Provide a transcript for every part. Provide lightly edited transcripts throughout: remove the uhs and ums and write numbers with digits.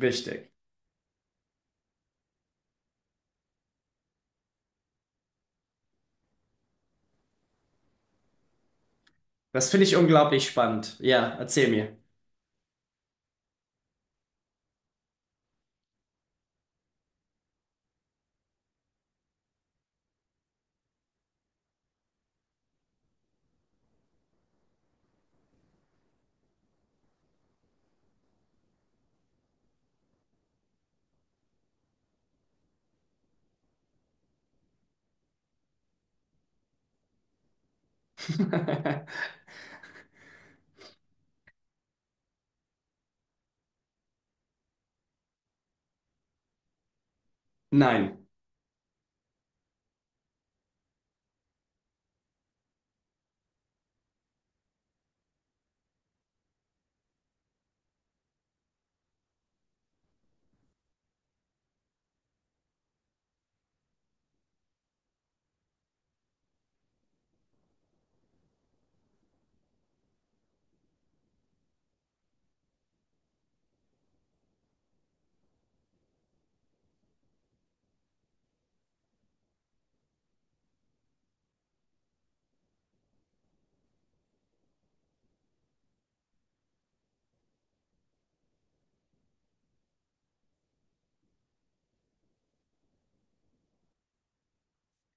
Richtig. Das finde ich unglaublich spannend. Ja, erzähl mir. Nein.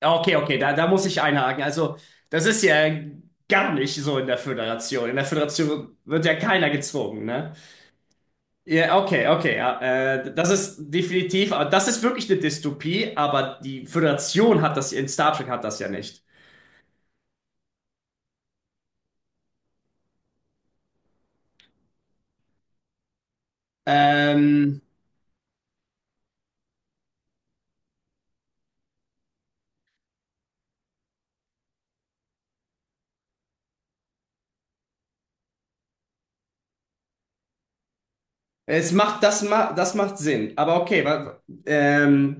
Okay, okay, da muss ich einhaken. Also, das ist ja gar nicht so in der Föderation. In der Föderation wird ja keiner gezwungen, ne? Ja, okay, okay. Ja, das ist definitiv, aber das ist wirklich eine Dystopie, aber die Föderation hat das, in Star Trek hat das ja nicht. Ähm, Es macht, das macht Sinn. Aber okay, ähm,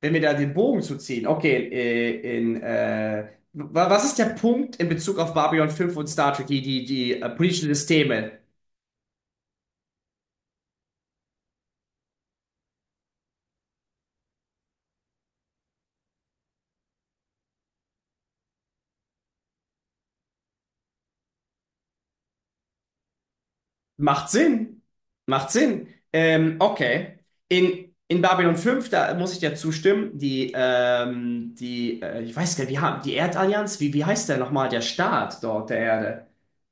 wenn wir da den Bogen zu ziehen, okay, was ist der Punkt in Bezug auf Babylon fünf und Star Trek, die politischen Systeme? Macht Sinn. Macht Sinn. Okay. In Babylon fünf da muss ich dir zustimmen, ich weiß gar nicht, die Erdallianz, wie heißt der nochmal, der Staat dort der Erde?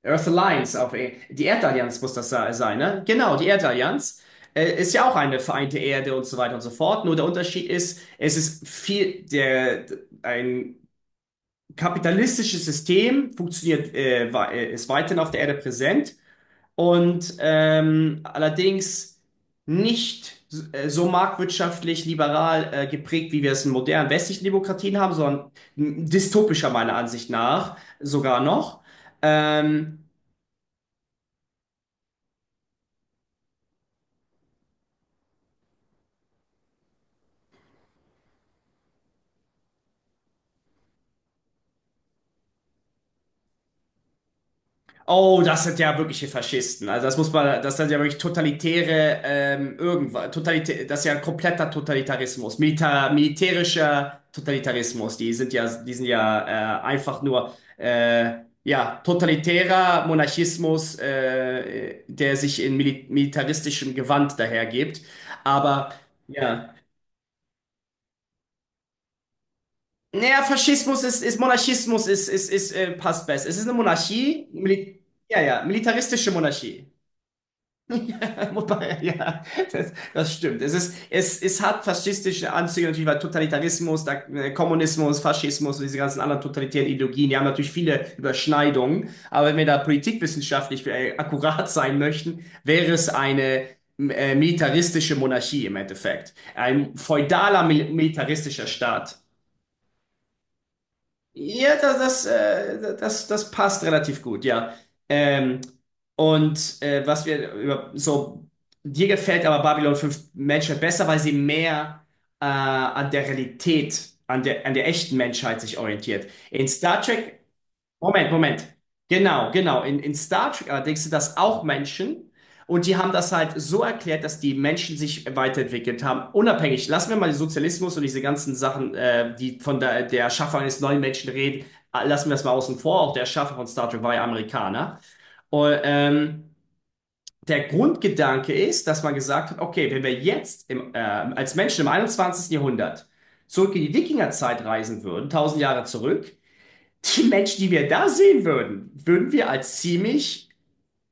Earth Alliance, die Erdallianz muss das sein, ne? Genau, die Erdallianz. Ist ja auch eine vereinte Erde und so weiter und so fort. Nur der Unterschied ist, es ist viel, ein kapitalistisches System funktioniert, ist weiterhin auf der Erde präsent und allerdings nicht so marktwirtschaftlich liberal geprägt, wie wir es in modernen westlichen Demokratien haben, sondern dystopischer meiner Ansicht nach sogar noch. Ähm, Oh, das sind ja wirkliche Faschisten. Also das muss man, das sind ja wirklich totalitäre, irgendwas, totalitä das ist ja ein kompletter Totalitarismus, Milita militärischer Totalitarismus. Die sind ja einfach nur, ja, totalitärer Monarchismus, der sich in militaristischem Gewand dahergibt. Aber ja. Naja, Faschismus ist, Monarchismus passt besser. Es ist eine Monarchie, Mil ja, ja, militaristische Monarchie. Ja, wobei, ja, das stimmt. Es ist, es hat faschistische Anzüge natürlich, weil Totalitarismus, Kommunismus, Faschismus und diese ganzen anderen totalitären Ideologien, die haben natürlich viele Überschneidungen. Aber wenn wir da politikwissenschaftlich akkurat sein möchten, wäre es eine militaristische Monarchie im Endeffekt. Ein feudaler militaristischer Staat. Ja, das passt relativ gut, ja. Ähm, und was wir über so, dir gefällt aber Babylon fünf Menschheit besser, weil sie mehr an der Realität, an der echten Menschheit sich orientiert. In Star Trek Moment, Moment. Genau, genau. In Star Trek allerdings sind das auch Menschen und die haben das halt so erklärt, dass die Menschen sich weiterentwickelt haben. Unabhängig, lassen wir mal den Sozialismus und diese ganzen Sachen, die von der Erschaffung eines neuen Menschen reden, lassen wir das mal außen vor. Auch der Erschaffer von Star Trek war ja Amerikaner. Und, der Grundgedanke ist, dass man gesagt hat, okay, wenn wir jetzt als Menschen im einundzwanzigsten Jahrhundert zurück in die Wikingerzeit reisen würden, tausend Jahre zurück, die Menschen, die wir da sehen würden, würden wir als ziemlich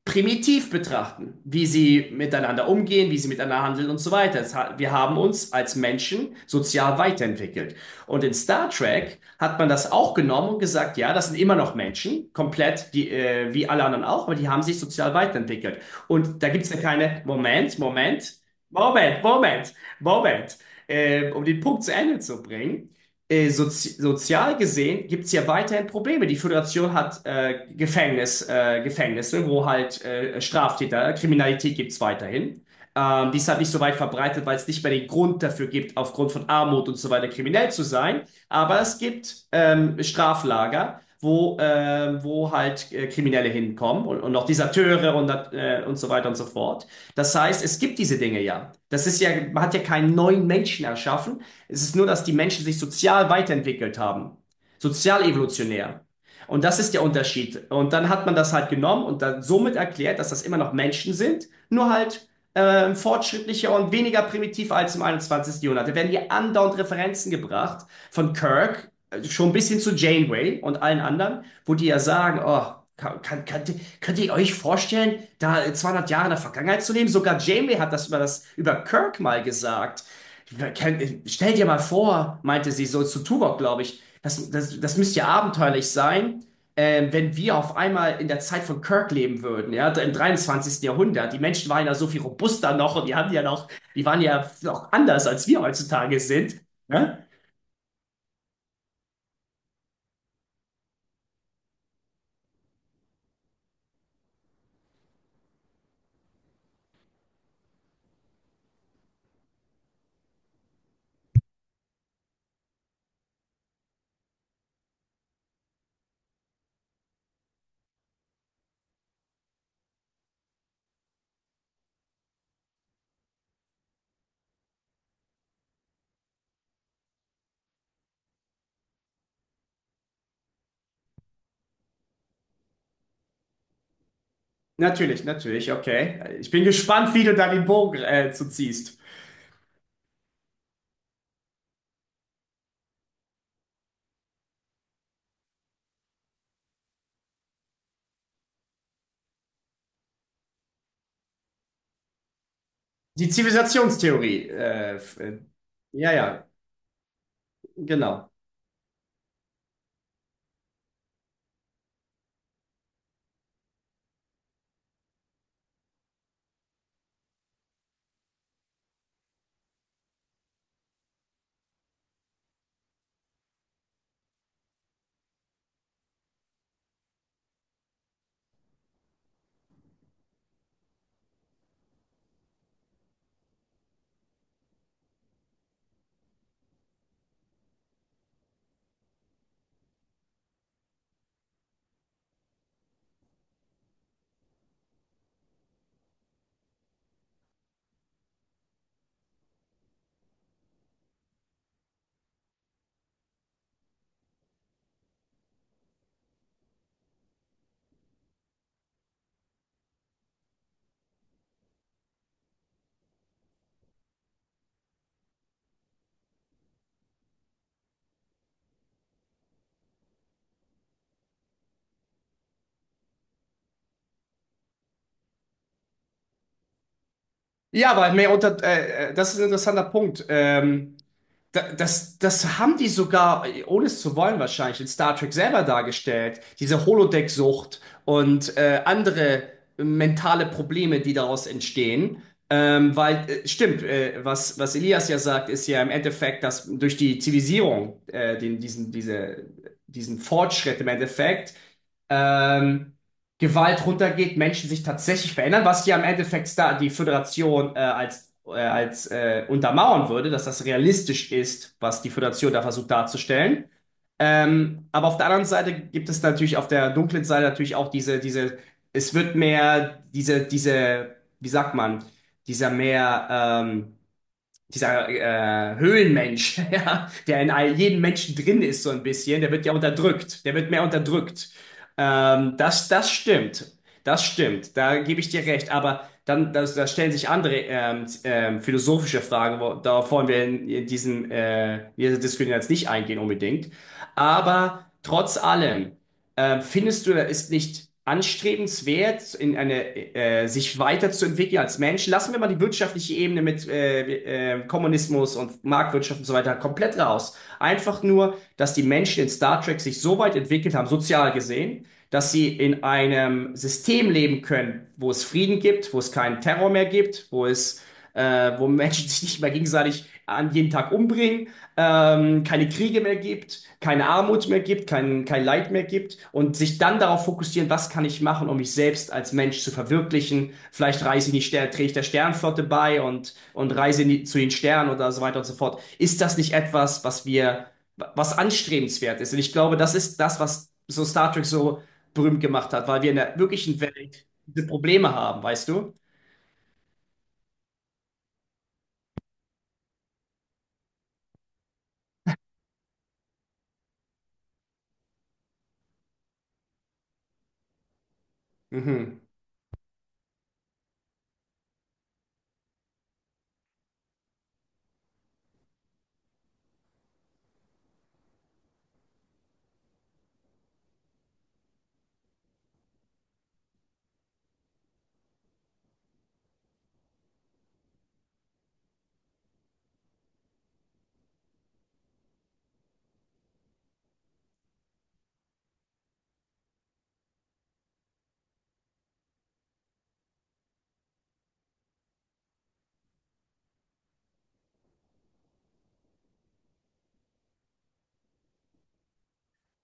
primitiv betrachten, wie sie miteinander umgehen, wie sie miteinander handeln und so weiter. Wir haben uns als Menschen sozial weiterentwickelt. Und in Star Trek hat man das auch genommen und gesagt, ja, das sind immer noch Menschen, komplett die, wie alle anderen auch, aber die haben sich sozial weiterentwickelt. Und da gibt es ja keine, Moment, Moment, Moment, um den Punkt zu Ende zu bringen sozial gesehen gibt es ja weiterhin Probleme. Die Föderation hat Gefängnisse, wo halt Straftäter, Kriminalität gibt es weiterhin. Die ist halt nicht so weit verbreitet, weil es nicht mehr den Grund dafür gibt, aufgrund von Armut und so weiter kriminell zu sein. Aber es gibt Straflager, wo halt Kriminelle hinkommen und auch Deserteure und so weiter und so fort. Das heißt, es gibt diese Dinge ja. Das ist ja, man hat ja keinen neuen Menschen erschaffen, es ist nur, dass die Menschen sich sozial weiterentwickelt haben. Sozial evolutionär. Und das ist der Unterschied. Und dann hat man das halt genommen und dann somit erklärt, dass das immer noch Menschen sind, nur halt fortschrittlicher und weniger primitiv als im 21. Jahrhundert. Da werden hier andauernd Referenzen gebracht von Kirk, schon ein bisschen zu Janeway und allen anderen, wo die ja sagen, oh, könnt ihr euch vorstellen, da 200 Jahre in der Vergangenheit zu leben? Sogar Janeway hat das über Kirk mal gesagt. Stell dir mal vor, meinte sie so zu Tuvok, glaube ich, das müsste ja abenteuerlich sein, wenn wir auf einmal in der Zeit von Kirk leben würden, ja, im dreiundzwanzigsten Jahrhundert. Die Menschen waren ja so viel robuster noch und die haben ja noch, die waren ja noch anders, als wir heutzutage sind. Ne? Natürlich, natürlich, okay. Ich bin gespannt, wie du da den Bogen zu ziehst. Die Zivilisationstheorie. Ja, ja, genau. Ja, aber mehr das ist ein interessanter Punkt. Das, das haben die sogar, ohne es zu wollen wahrscheinlich, in Star Trek selber dargestellt. Diese Holodeck-Sucht und andere mentale Probleme, die daraus entstehen. Stimmt, was Elias ja sagt, ist ja im Endeffekt, dass durch die Zivilisierung, diesen Fortschritt im Endeffekt, ähm, Gewalt runtergeht, Menschen sich tatsächlich verändern, was ja im Endeffekt da die Föderation als, als untermauern würde, dass das realistisch ist, was die Föderation da versucht darzustellen. Aber auf der anderen Seite gibt es natürlich auf der dunklen Seite natürlich auch es wird mehr wie sagt man, dieser mehr ähm, dieser Höhlenmensch, ja, der in all jedem Menschen drin ist, so ein bisschen, der wird ja unterdrückt, der wird mehr unterdrückt. Ähm, das, das stimmt, das stimmt, da gebe ich dir recht, aber dann das, da stellen sich andere philosophische Fragen, wo, darauf wollen wir in diesem, in dieser Diskussion jetzt nicht eingehen unbedingt, aber trotz allem findest du, er ist nicht anstrebenswert, sich weiterzuentwickeln als Mensch? Lassen wir mal die wirtschaftliche Ebene mit Kommunismus und Marktwirtschaft und so weiter komplett raus. Einfach nur, dass die Menschen in Star Trek sich so weit entwickelt haben, sozial gesehen, dass sie in einem System leben können, wo es Frieden gibt, wo es keinen Terror mehr gibt, wo Menschen sich nicht mehr gegenseitig an jeden Tag umbringen, keine Kriege mehr gibt, keine Armut mehr gibt, kein Leid mehr gibt und sich dann darauf fokussieren, was kann ich machen, um mich selbst als Mensch zu verwirklichen. Vielleicht reise in die Sterne, trete ich der Sternenflotte bei und reise in die, zu den Sternen oder so weiter und so fort. Ist das nicht etwas, was anstrebenswert ist? Und ich glaube, das ist das, was so Star Trek so berühmt gemacht hat, weil wir in der wirklichen Welt diese Probleme haben, weißt du? Mhm.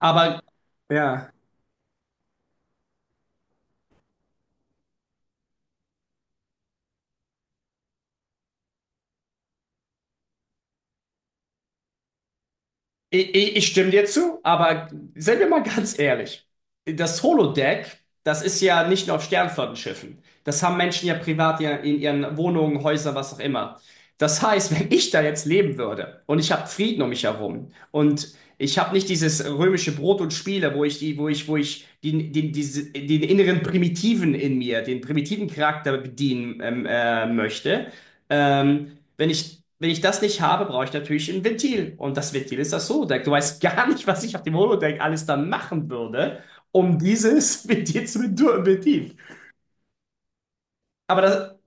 Aber ja, ich stimme dir zu, aber seien wir mal ganz ehrlich. Das Holodeck, das ist ja nicht nur auf Sternflottenschiffen. Das haben Menschen ja privat ja in ihren Wohnungen, Häusern, was auch immer. Das heißt, wenn ich da jetzt leben würde und ich habe Frieden um mich herum und ich habe nicht dieses römische Brot und Spiele, wo ich den inneren Primitiven in mir, den primitiven Charakter bedienen möchte. Ähm, Wenn wenn ich das nicht habe, brauche ich natürlich ein Ventil. Und das Ventil ist das Holodeck. Du weißt gar nicht, was ich auf dem Holodeck alles dann machen würde, um dieses Ventil zu bedienen. Aber das,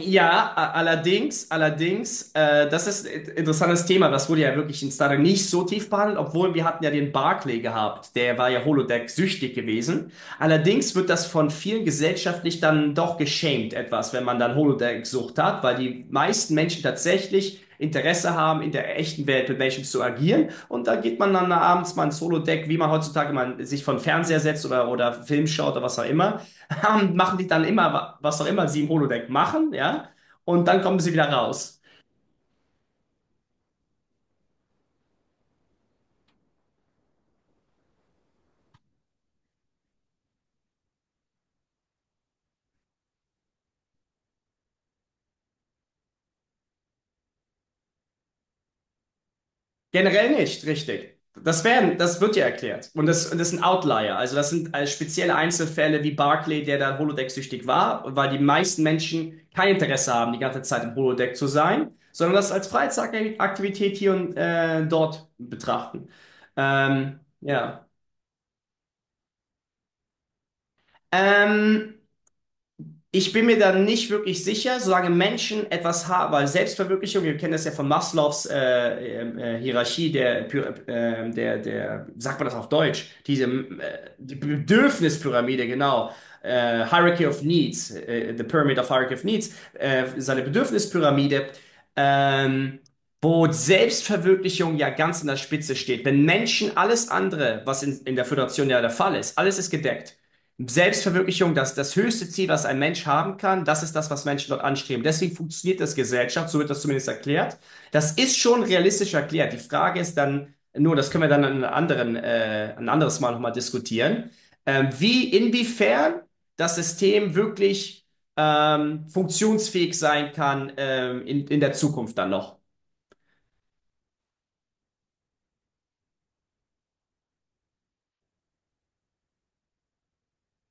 Ja, allerdings, allerdings, das ist ein interessantes Thema. Das wurde ja wirklich in Star nicht so tief behandelt, obwohl wir hatten ja den Barclay gehabt. Der war ja Holodeck-süchtig gewesen. Allerdings wird das von vielen gesellschaftlich dann doch geschämt etwas, wenn man dann Holodeck-Sucht hat, weil die meisten Menschen tatsächlich Interesse haben, in der echten Welt mit Menschen zu agieren. Und da geht man dann abends mal ins Holodeck, wie man heutzutage man sich von Fernseher setzt oder Film schaut oder was auch immer und machen die dann immer, was auch immer sie im Holodeck machen, ja, und dann kommen sie wieder raus. Generell nicht, richtig. Das wird ja erklärt. Und und das sind Outlier. Also das sind spezielle Einzelfälle wie Barclay, der da Holodeck-süchtig war, weil die meisten Menschen kein Interesse haben, die ganze Zeit im Holodeck zu sein, sondern das als Freizeitaktivität hier und dort betrachten. Ja. Ähm, ich bin mir da nicht wirklich sicher, solange Menschen etwas haben, weil Selbstverwirklichung, wir kennen das ja von Maslows Hierarchie, der, Py- der, der, sagt man das auf Deutsch, die Bedürfnispyramide, genau, Hierarchy of Needs, the Pyramid of Hierarchy of Needs, seine Bedürfnispyramide, ähm, wo Selbstverwirklichung ja ganz an der Spitze steht. Wenn Menschen alles andere, was in der Föderation ja der Fall ist, alles ist gedeckt. Selbstverwirklichung, das höchste Ziel, was ein Mensch haben kann, das ist das, was Menschen dort anstreben. Deswegen funktioniert das Gesellschaft, so wird das zumindest erklärt. Das ist schon realistisch erklärt. Die Frage ist dann nur, das können wir dann an einem anderen, ein anderes Mal nochmal diskutieren, wie, inwiefern das System wirklich funktionsfähig sein kann in der Zukunft dann noch.